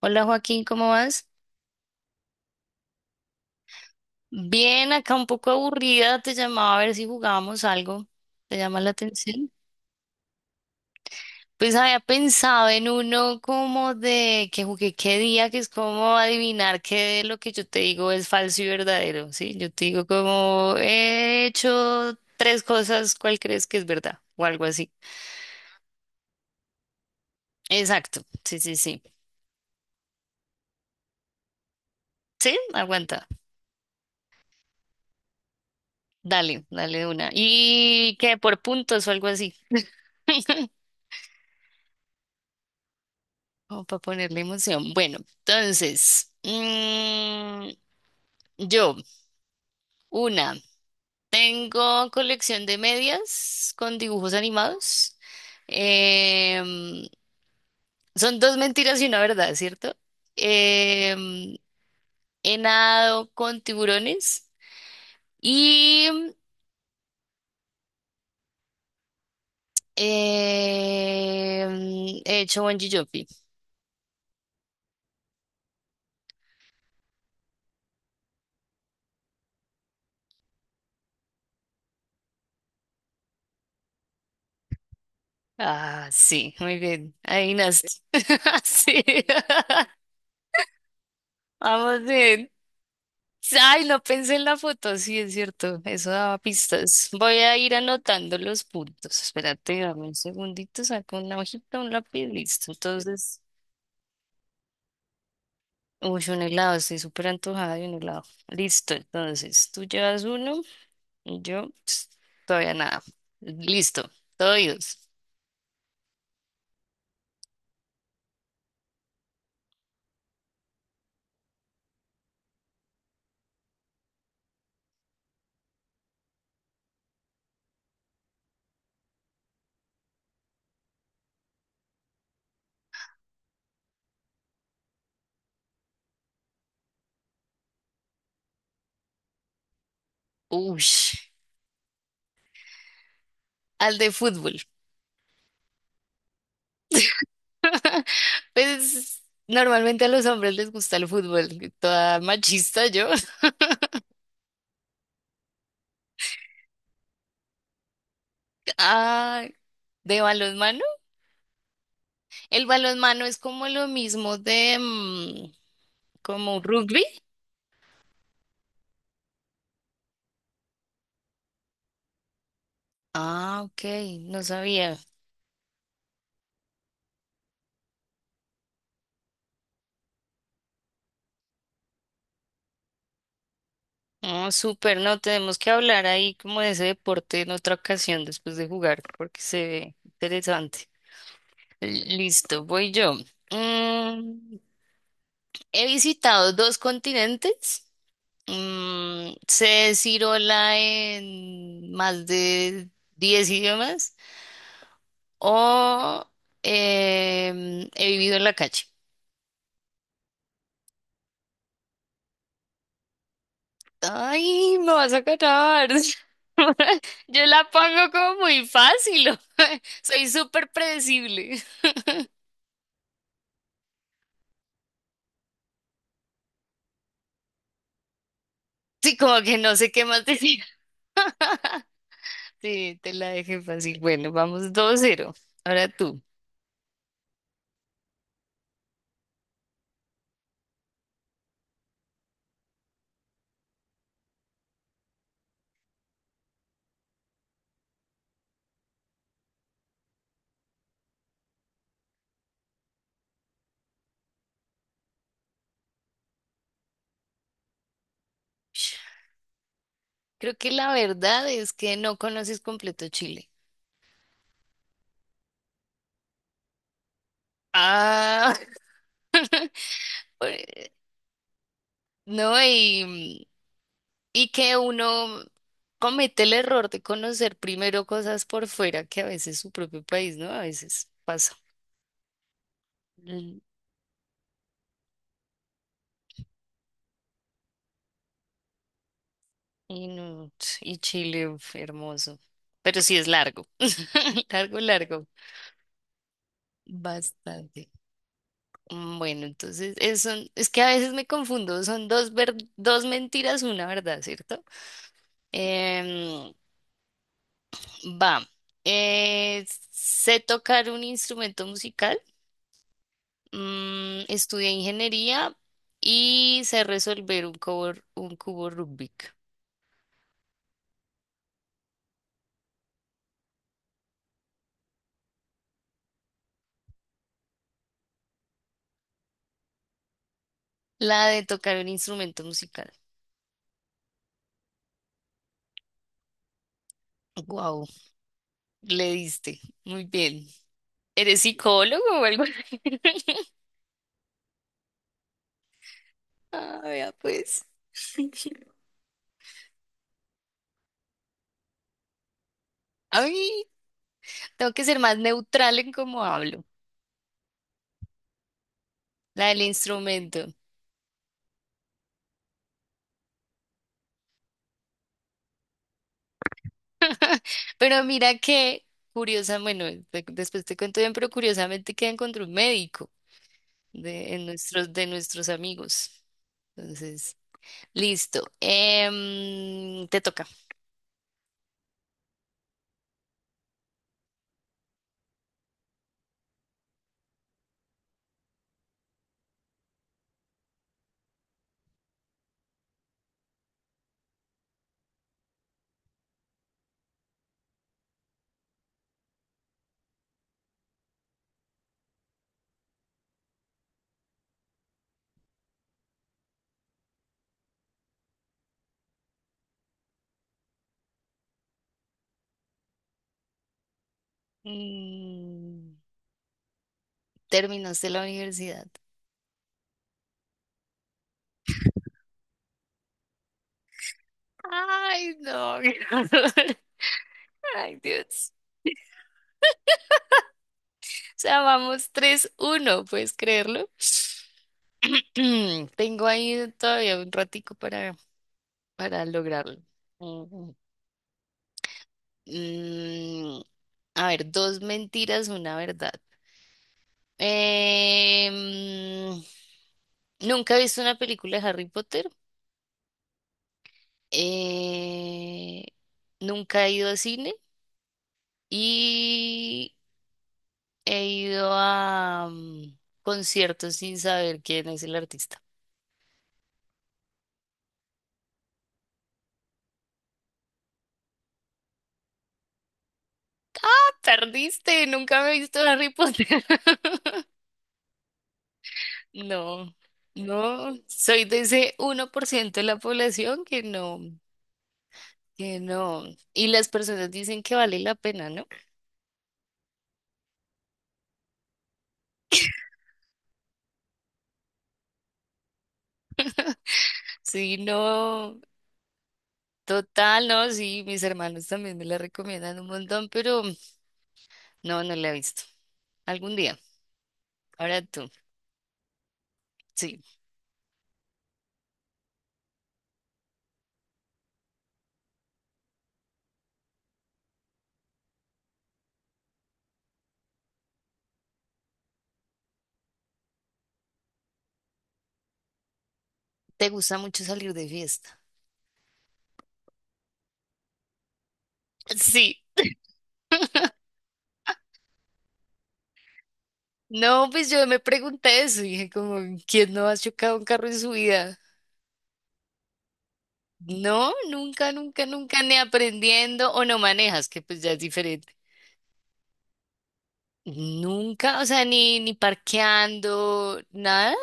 Hola Joaquín, ¿cómo vas? Bien, acá un poco aburrida, te llamaba a ver si jugábamos algo. ¿Te llama la atención? Pues había pensado en uno como de que jugué qué día, que es como adivinar qué de lo que yo te digo es falso y verdadero, ¿sí? Yo te digo como he hecho tres cosas, ¿cuál crees que es verdad? O algo así. Exacto, sí, sí, sí. Sí, aguanta. Dale, dale de una. ¿Y qué? ¿Por puntos o algo así? Como para ponerle emoción. Bueno, entonces, yo, una, tengo colección de medias con dibujos animados. Em, Son dos mentiras y una verdad, ¿cierto? Em, He nadado con tiburones y he hecho bungee jumping. Ah, sí, muy bien. Ahí nace. Sí. Vamos bien. Ay, no pensé en la foto, sí, es cierto, eso daba pistas. Voy a ir anotando los puntos. Espérate, dame un segundito, saco una hojita, un lápiz, listo. Entonces, uy, un helado, estoy súper antojada de un helado. Listo, entonces, tú llevas uno y yo ps, todavía nada. Listo, todo oídos. Uy, al de fútbol. Pues normalmente a los hombres les gusta el fútbol, toda machista yo. Ah, de balonmano. El balonmano es como lo mismo de como rugby. Ah, ok, no sabía. Oh, súper, no, tenemos que hablar ahí como de ese deporte en otra ocasión después de jugar, porque se ve interesante. Listo, voy yo. Mm, He visitado dos continentes. Sé decir hola en más de 10 idiomas o he vivido en la calle. Ay, me vas a catar. Yo la pongo como muy fácil. Soy súper predecible. Sí, como que no sé qué más decir. Sí, te la dejé fácil. Bueno, vamos 2-0. Ahora tú. Creo que la verdad es que no conoces completo Chile. Ah, no, y que uno comete el error de conocer primero cosas por fuera que a veces su propio país, ¿no? A veces pasa. Y, no- y Chile, uf, hermoso. Pero sí es largo. Largo, largo. Bastante. Bueno, entonces es que a veces me confundo. Son dos mentiras, una verdad, ¿cierto? Em, Va. Eh, Sé tocar un instrumento musical. Estudié ingeniería y sé resolver un cubo Rubik. La de tocar un instrumento musical. Wow, le diste. Muy bien. ¿Eres psicólogo o algo así? Ah, vea, pues. Ay, tengo que ser más neutral en cómo hablo, la del instrumento. Pero mira que, curiosa, bueno, después te cuento bien, pero curiosamente que encontré un médico de nuestros amigos. Entonces, listo. Te toca. Mm, Terminaste la universidad. Ay, no. Ay, Dios. Sea, vamos 3-1, ¿puedes creerlo? Tengo ahí todavía un ratico para lograrlo. Mm, mm, a ver, dos mentiras, una verdad. Em, Nunca he visto una película de Harry Potter. Eh, Nunca he ido a cine y he ido a conciertos sin saber quién es el artista. Tardiste, nunca me he visto Harry Potter. No, no, soy de ese 1% de la población que no, que no. Y las personas dicen que vale la pena, ¿no? Sí, no, total, no, sí, mis hermanos también me la recomiendan un montón, pero no, no la he visto. Algún día, ahora tú, sí, ¿te gusta mucho salir de fiesta? Sí, no, pues yo me pregunté eso, y dije como, ¿quién no ha chocado un carro en su vida? No, nunca, nunca, nunca, ni aprendiendo o no manejas, que pues ya es diferente. Nunca, o sea, ni parqueando, nada.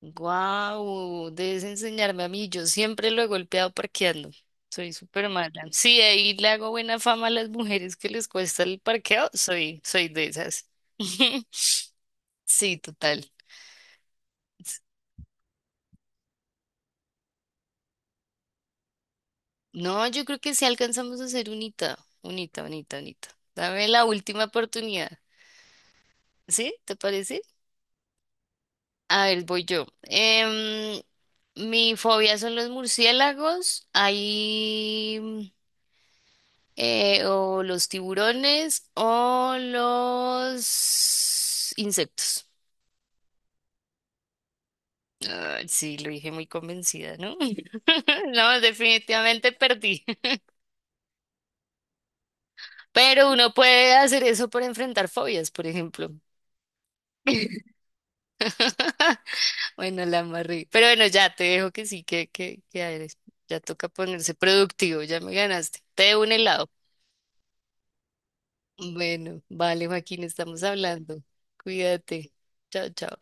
Guau, debes enseñarme a mí. Yo siempre lo he golpeado parqueando. Soy súper mala. Sí, ahí le hago buena fama a las mujeres que les cuesta el parqueo. Soy de esas. Sí, total. No, yo creo que sí alcanzamos a ser unita, unita, unita, unita. Dame la última oportunidad. ¿Sí? ¿Te parece? A ver, voy yo. Mi fobia son los murciélagos, ahí o los tiburones o los insectos. Ay, sí, lo dije muy convencida, ¿no? No, definitivamente perdí. Pero uno puede hacer eso por enfrentar fobias, por ejemplo. Bueno, la amarré. Pero bueno, ya te dejo que sí, que eres. Ya toca ponerse productivo, ya me ganaste. Te debo un helado. Bueno, vale, Joaquín, estamos hablando. Cuídate. Chao, chao.